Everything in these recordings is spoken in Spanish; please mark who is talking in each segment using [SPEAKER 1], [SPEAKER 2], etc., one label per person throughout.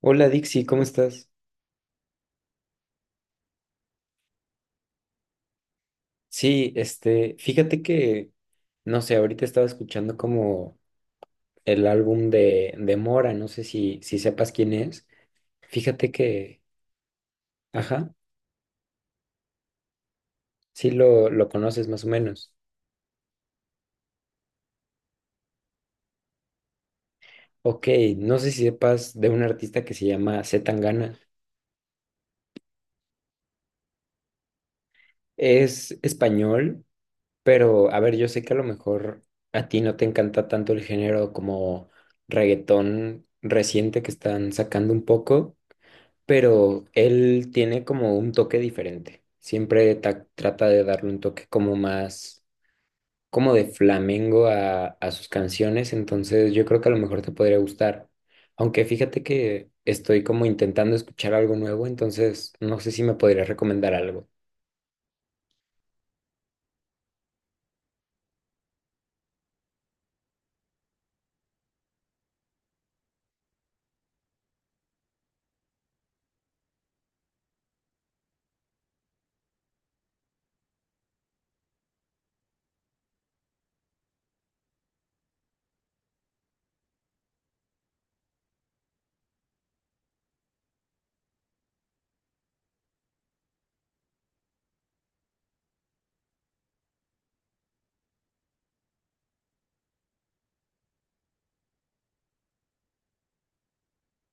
[SPEAKER 1] Hola Dixie, ¿cómo estás? Sí, este, fíjate que, no sé, ahorita estaba escuchando como el álbum de Mora, no sé si sepas quién es. Fíjate que, ajá, sí lo conoces más o menos. Ok, no sé si sepas de un artista que se llama C. Tangana. Es español, pero a ver, yo sé que a lo mejor a ti no te encanta tanto el género como reggaetón reciente que están sacando un poco. Pero él tiene como un toque diferente. Siempre trata de darle un toque como más, como de flamengo a sus canciones, entonces yo creo que a lo mejor te podría gustar. Aunque fíjate que estoy como intentando escuchar algo nuevo, entonces no sé si me podrías recomendar algo.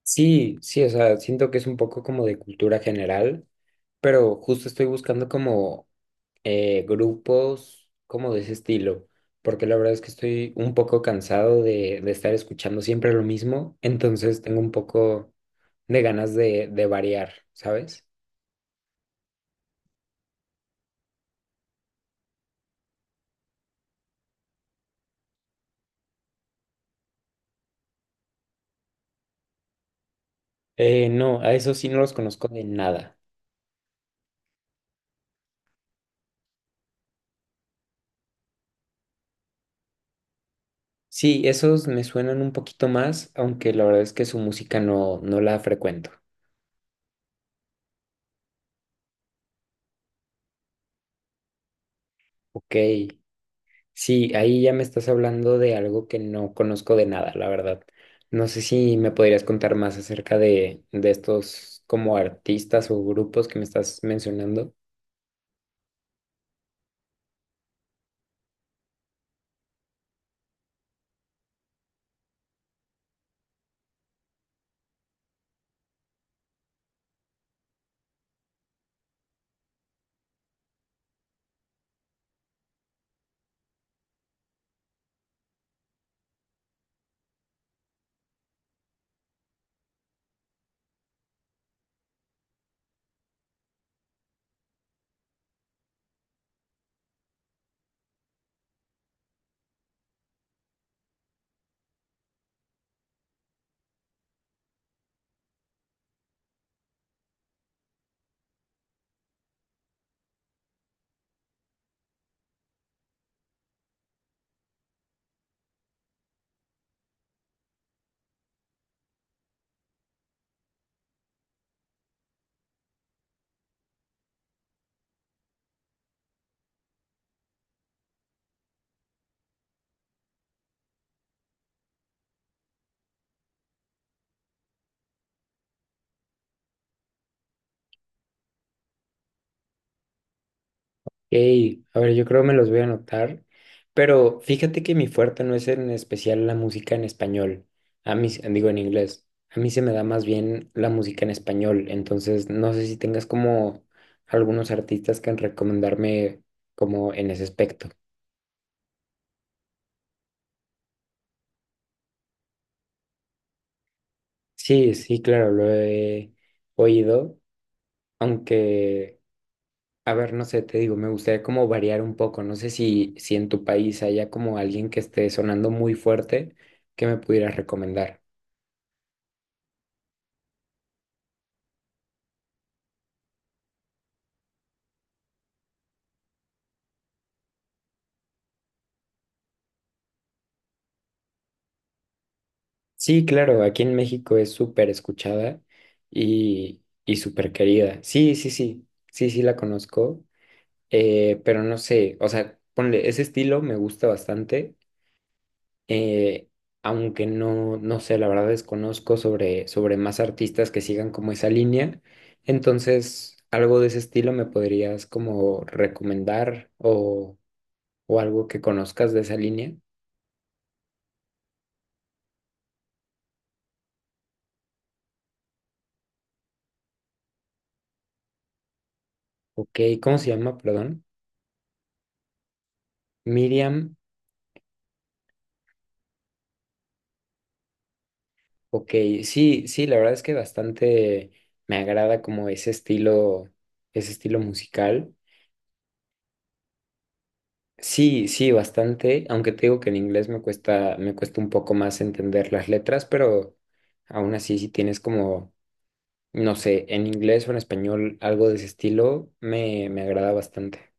[SPEAKER 1] Sí, sí, o sea, siento que es un poco como de cultura general, pero justo estoy buscando como grupos como de ese estilo, porque la verdad es que estoy un poco cansado de estar escuchando siempre lo mismo, entonces tengo un poco de ganas de variar, ¿sabes? No, a esos sí no los conozco de nada. Sí, esos me suenan un poquito más, aunque la verdad es que su música no, no la frecuento. Ok. Sí, ahí ya me estás hablando de algo que no conozco de nada, la verdad. No sé si me podrías contar más acerca de estos como artistas o grupos que me estás mencionando. Ey, a ver, yo creo me los voy a anotar, pero fíjate que mi fuerte no es en especial la música en español, a mí, digo en inglés, a mí se me da más bien la música en español, entonces no sé si tengas como algunos artistas que recomendarme como en ese aspecto. Sí, sí, claro, lo he oído, aunque, a ver, no sé, te digo, me gustaría como variar un poco, no sé si, si en tu país haya como alguien que esté sonando muy fuerte que me pudieras recomendar. Sí, claro, aquí en México es súper escuchada y súper querida. Sí, sí, sí, sí, sí la conozco, pero no sé, o sea, ponle, ese estilo me gusta bastante. eh, Aunque no, no sé, la verdad desconozco sobre, sobre más artistas que sigan como esa línea. Entonces, algo de ese estilo me podrías como recomendar o algo que conozcas de esa línea. Ok, ¿cómo se llama? Perdón. Miriam. Ok, sí, sí, la verdad es que bastante me agrada como ese estilo musical. Sí, sí, bastante, aunque te digo que en inglés me cuesta un poco más entender las letras, pero aún así si tienes como, no sé, en inglés o en español algo de ese estilo, me agrada bastante.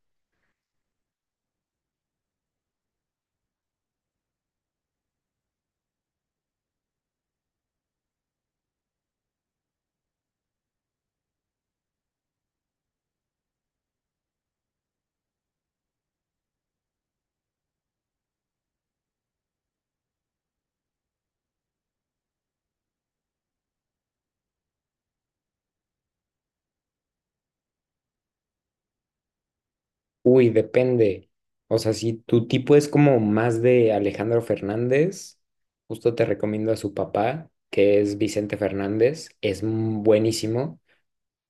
[SPEAKER 1] Uy, depende. O sea, si tu tipo es como más de Alejandro Fernández, justo te recomiendo a su papá, que es Vicente Fernández, es buenísimo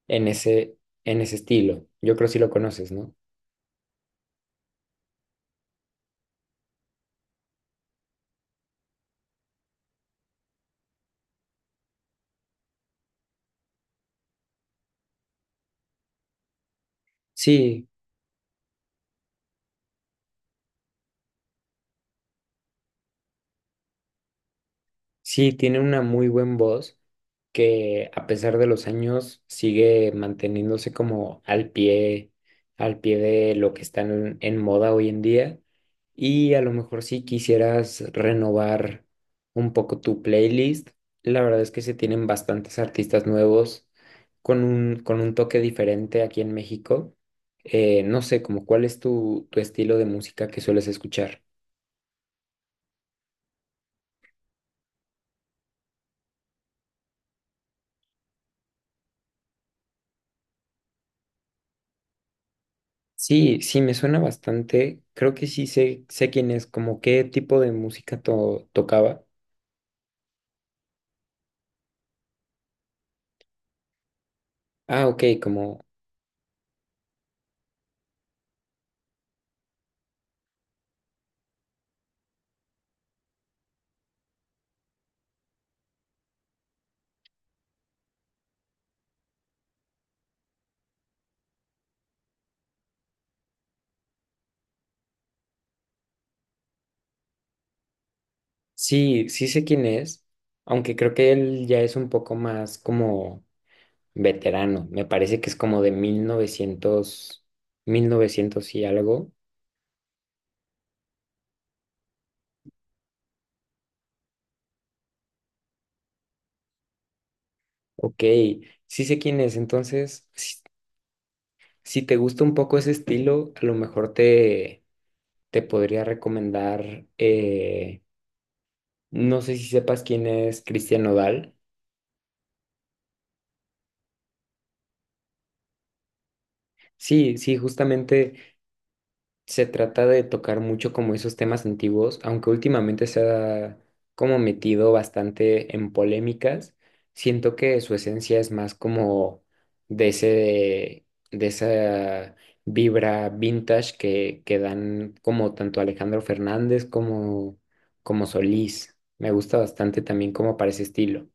[SPEAKER 1] en ese, en ese estilo. Yo creo que sí lo conoces, ¿no? Sí, sí, tiene una muy buen voz que a pesar de los años sigue manteniéndose como al pie de lo que está en moda hoy en día. Y a lo mejor si quisieras renovar un poco tu playlist, la verdad es que se tienen bastantes artistas nuevos con un toque diferente aquí en México. No sé, como cuál es tu, tu estilo de música que sueles escuchar. Sí, sí, me suena bastante. Creo que sí sé, sé quién es, como qué tipo de música tocaba. Ah, ok, como sí, sí sé quién es, aunque creo que él ya es un poco más como veterano. Me parece que es como de 1900, 1900 y algo. Ok, sí sé quién es. Entonces, si, si te gusta un poco ese estilo, a lo mejor te, te podría recomendar, no sé si sepas quién es Cristian Nodal. Sí, sí, justamente se trata de tocar mucho como esos temas antiguos, aunque últimamente se ha como metido bastante en polémicas. Siento que su esencia es más como de ese, de esa vibra vintage que dan como tanto Alejandro Fernández como, como Solís. Me gusta bastante también como para ese estilo.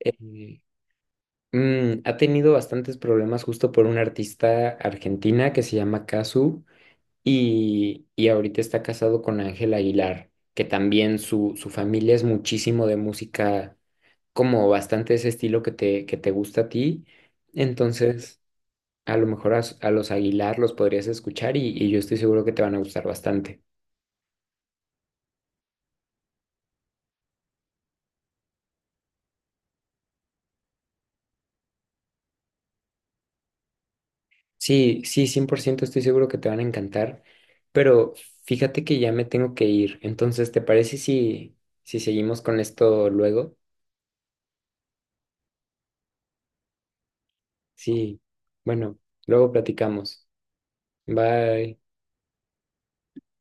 [SPEAKER 1] Eh, Ha tenido bastantes problemas justo por una artista argentina que se llama Cazzu. Y ahorita está casado con Ángel Aguilar, que también su familia es muchísimo de música, como bastante ese estilo que te gusta a ti. Entonces, a lo mejor a los Aguilar los podrías escuchar y yo estoy seguro que te van a gustar bastante. Sí, sí, cien por ciento estoy seguro que te van a encantar, pero fíjate que ya me tengo que ir. Entonces, ¿te parece si, si seguimos con esto luego? Sí, bueno, luego platicamos. Bye.